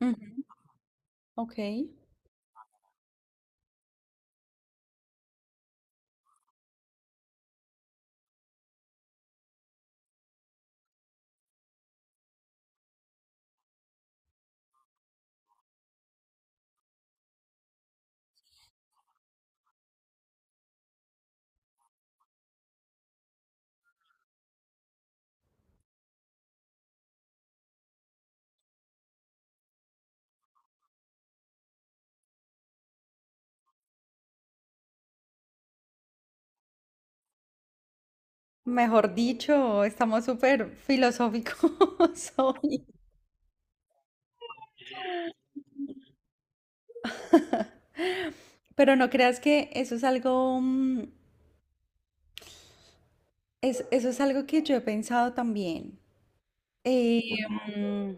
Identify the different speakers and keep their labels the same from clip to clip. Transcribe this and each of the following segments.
Speaker 1: Ujú, ok. Mejor dicho, estamos súper filosóficos hoy. Pero no creas que eso es algo, eso es algo que yo he pensado también. Eh, mm,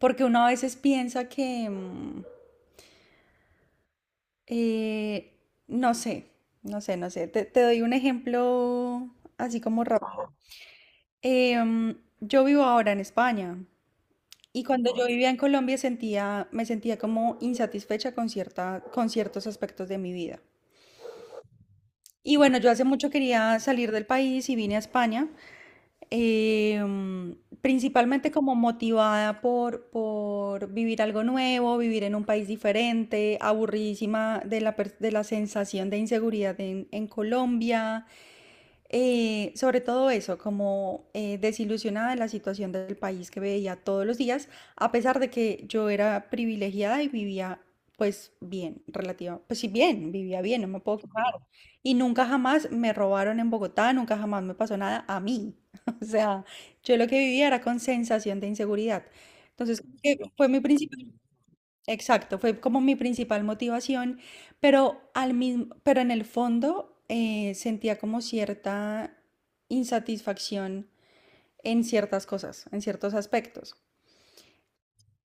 Speaker 1: Porque uno a veces piensa que, eh, no sé, no sé, no sé. Te doy un ejemplo así como rápido. Yo vivo ahora en España. Y cuando yo vivía en Colombia me sentía como insatisfecha con con ciertos aspectos de mi vida. Y bueno, yo hace mucho quería salir del país y vine a España, principalmente como motivada por vivir algo nuevo, vivir en un país diferente, aburridísima de la sensación de inseguridad en Colombia, sobre todo eso, como desilusionada de la situación del país que veía todos los días, a pesar de que yo era privilegiada y vivía pues bien, relativa, pues sí bien, vivía bien, no me puedo quejar. Y nunca jamás me robaron en Bogotá, nunca jamás me pasó nada a mí. O sea, yo lo que vivía era con sensación de inseguridad. Entonces, como que fue mi principal. Exacto, fue como mi principal motivación, pero pero en el fondo sentía como cierta insatisfacción en ciertas cosas, en ciertos aspectos.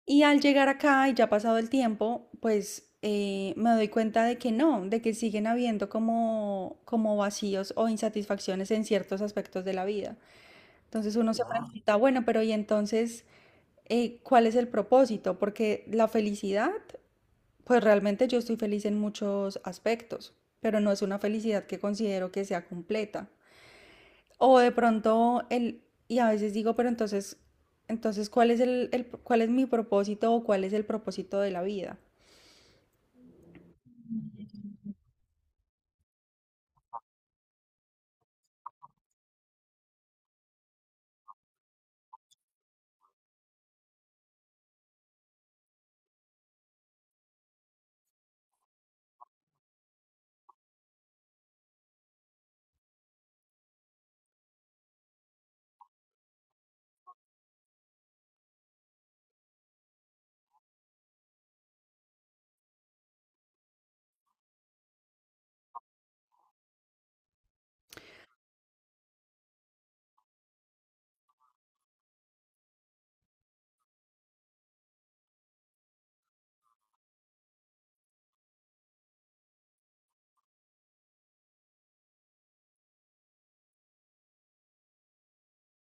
Speaker 1: Y al llegar acá y ya pasado el tiempo, pues me doy cuenta de que no, de que siguen habiendo como, como vacíos o insatisfacciones en ciertos aspectos de la vida. Entonces uno se, wow, pregunta, bueno, pero ¿y entonces cuál es el propósito? Porque la felicidad pues realmente yo estoy feliz en muchos aspectos, pero no es una felicidad que considero que sea completa. O de pronto el, Y a veces digo, pero entonces, cuál es mi propósito o cuál es el propósito de la vida?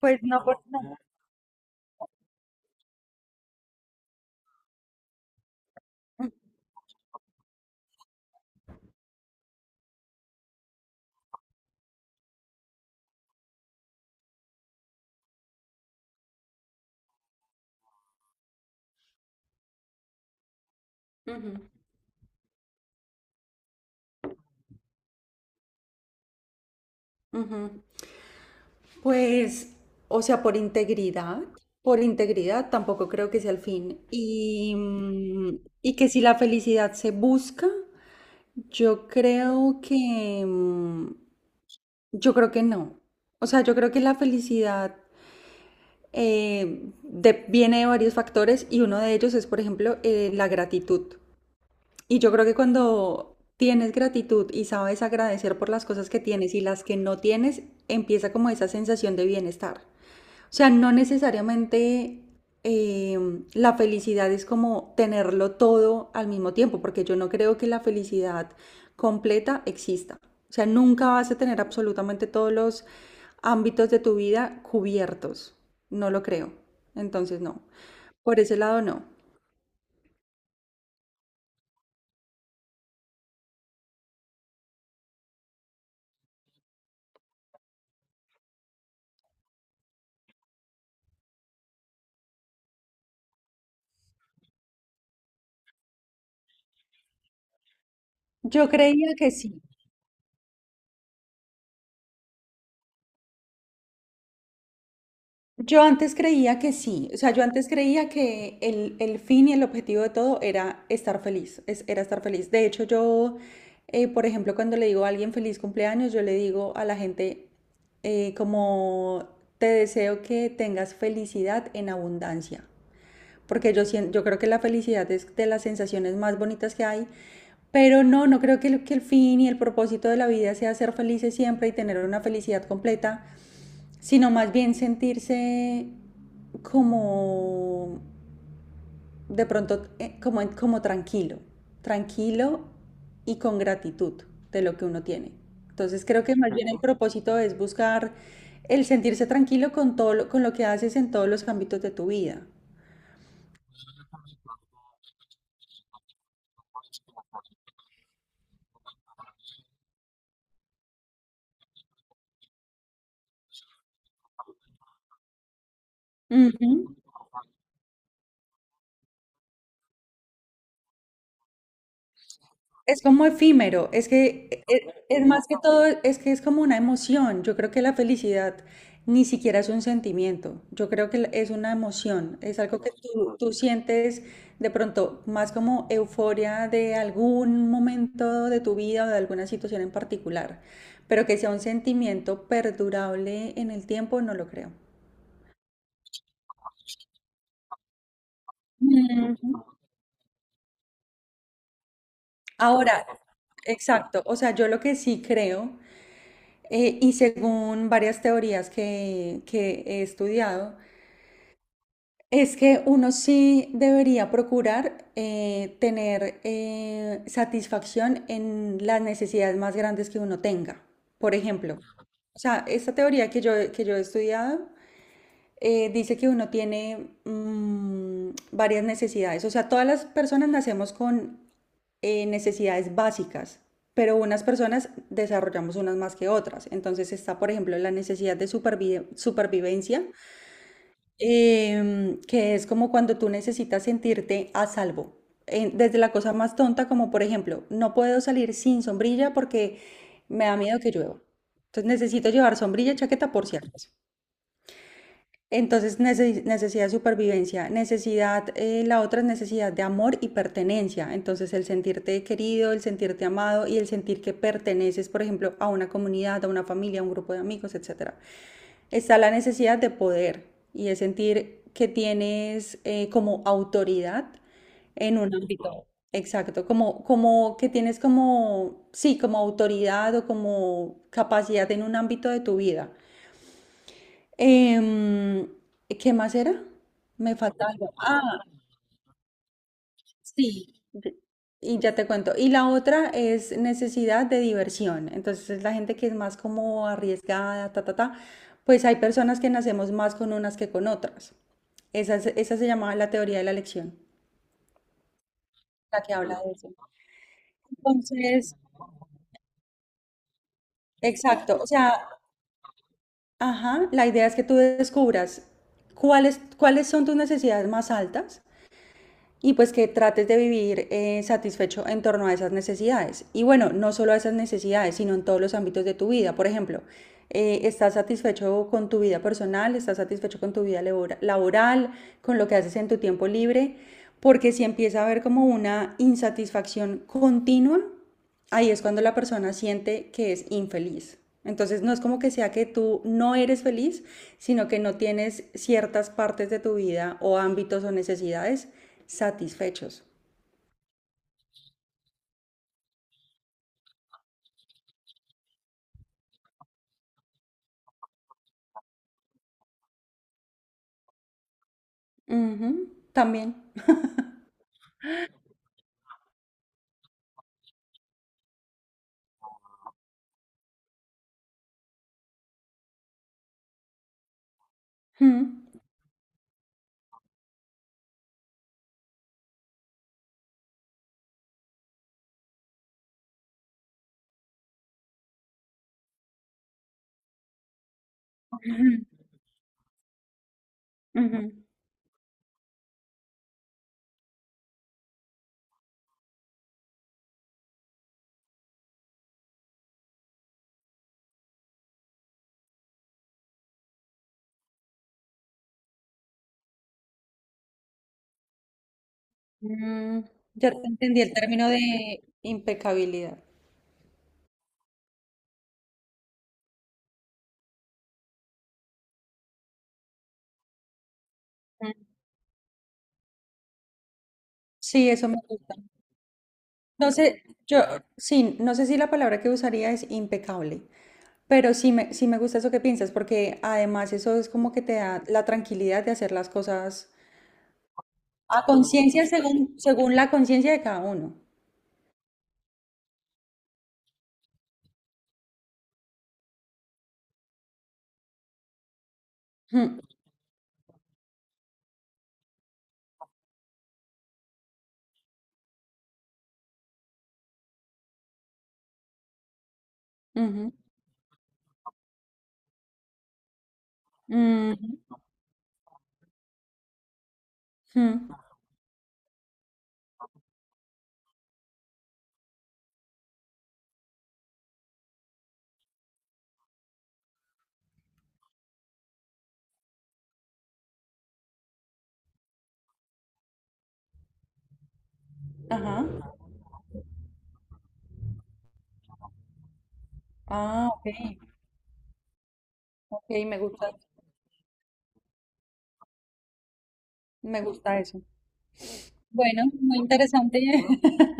Speaker 1: Pues no, por, no. Ujú, ujú. Pues, o sea, por integridad tampoco creo que sea el fin. Y que si la felicidad se busca, yo creo que, mm, Yo creo que no. O sea, yo creo que la felicidad viene de varios factores y uno de ellos es, por ejemplo, la gratitud. Y yo creo que cuando tienes gratitud y sabes agradecer por las cosas que tienes y las que no tienes, empieza como esa sensación de bienestar. O sea, no necesariamente la felicidad es como tenerlo todo al mismo tiempo, porque yo no creo que la felicidad completa exista. O sea, nunca vas a tener absolutamente todos los ámbitos de tu vida cubiertos. No lo creo. Entonces, no. Por ese lado, no. Yo creía que sí. Yo antes creía que sí, o sea, yo antes creía que el fin y el objetivo de todo era estar feliz, era estar feliz. De hecho, yo, por ejemplo, cuando le digo a alguien feliz cumpleaños, yo le digo a la gente como te deseo que tengas felicidad en abundancia, porque yo creo que la felicidad es de las sensaciones más bonitas que hay, pero no creo que que el fin y el propósito de la vida sea ser felices siempre y tener una felicidad completa, sino más bien sentirse como de pronto como tranquilo, tranquilo y con gratitud de lo que uno tiene. Entonces creo que más bien el propósito es buscar el sentirse tranquilo con lo que haces en todos los ámbitos de tu vida. Ujú. Es como efímero, es que es, más que todo, es que es como una emoción. Yo creo que la felicidad ni siquiera es un sentimiento, yo creo que es una emoción, es algo que tú sientes de pronto más como euforia de algún momento de tu vida o de alguna situación en particular, pero que sea un sentimiento perdurable en el tiempo, no lo creo. Mm, Ahora, exacto. O sea, yo lo que sí creo. Y según varias teorías que he estudiado, es que uno sí debería procurar tener satisfacción en las necesidades más grandes que uno tenga. Por ejemplo, o sea, esta teoría que yo he estudiado dice que uno tiene varias necesidades. O sea, todas las personas nacemos con necesidades básicas, pero unas personas desarrollamos unas más que otras. Entonces está, por ejemplo, la necesidad de supervivencia, que es como cuando tú necesitas sentirte a salvo. Desde la cosa más tonta, como por ejemplo, no puedo salir sin sombrilla porque me da miedo que llueva. Entonces necesito llevar sombrilla y chaqueta por si acaso. Entonces, necesidad de supervivencia, la otra es necesidad de amor y pertenencia. Entonces, el sentirte querido, el sentirte amado y el sentir que perteneces, por ejemplo, a una comunidad, a una familia, a un grupo de amigos, etcétera. Está la necesidad de poder y es sentir que tienes como autoridad en un ámbito. Exacto, como que tienes como, sí, como autoridad o como capacidad en un ámbito de tu vida. Em, ¿Qué más era? Me falta algo. Ah, sí. Y ya te cuento. Y la otra es necesidad de diversión. Entonces es la gente que es más como arriesgada, ta, ta, ta. Pues hay personas que nacemos más con unas que con otras. Esa se llamaba la teoría de la elección, la que habla de eso. Entonces, exacto. O sea, ajá, la idea es que tú descubras cuáles son tus necesidades más altas y pues que trates de vivir satisfecho en torno a esas necesidades. Y bueno, no solo a esas necesidades, sino en todos los ámbitos de tu vida. Por ejemplo, estás satisfecho con tu vida personal, estás satisfecho con tu vida laboral, con lo que haces en tu tiempo libre, porque si empieza a haber como una insatisfacción continua, ahí es cuando la persona siente que es infeliz. Entonces no es como que sea que tú no eres feliz, sino que no tienes ciertas partes de tu vida o ámbitos o necesidades satisfechos. Ujú, también. Ujú, ujú. Ujú. Mm, ya te entendí el término de impecabilidad. Sí, eso me gusta. No sé, yo, sí, no sé si la palabra que usaría es impecable. Pero sí me gusta eso que piensas, porque además eso es como que te da la tranquilidad de hacer las cosas a conciencia según la conciencia de cada uno. Mm, ujú, ujú, mm, ajá. Ah, ok. Ok, me gusta eso. Bueno, muy interesante.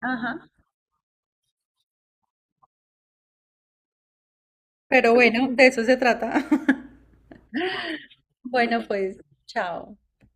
Speaker 1: Ajá. Pero bueno, de eso se trata. Bueno, pues, chao.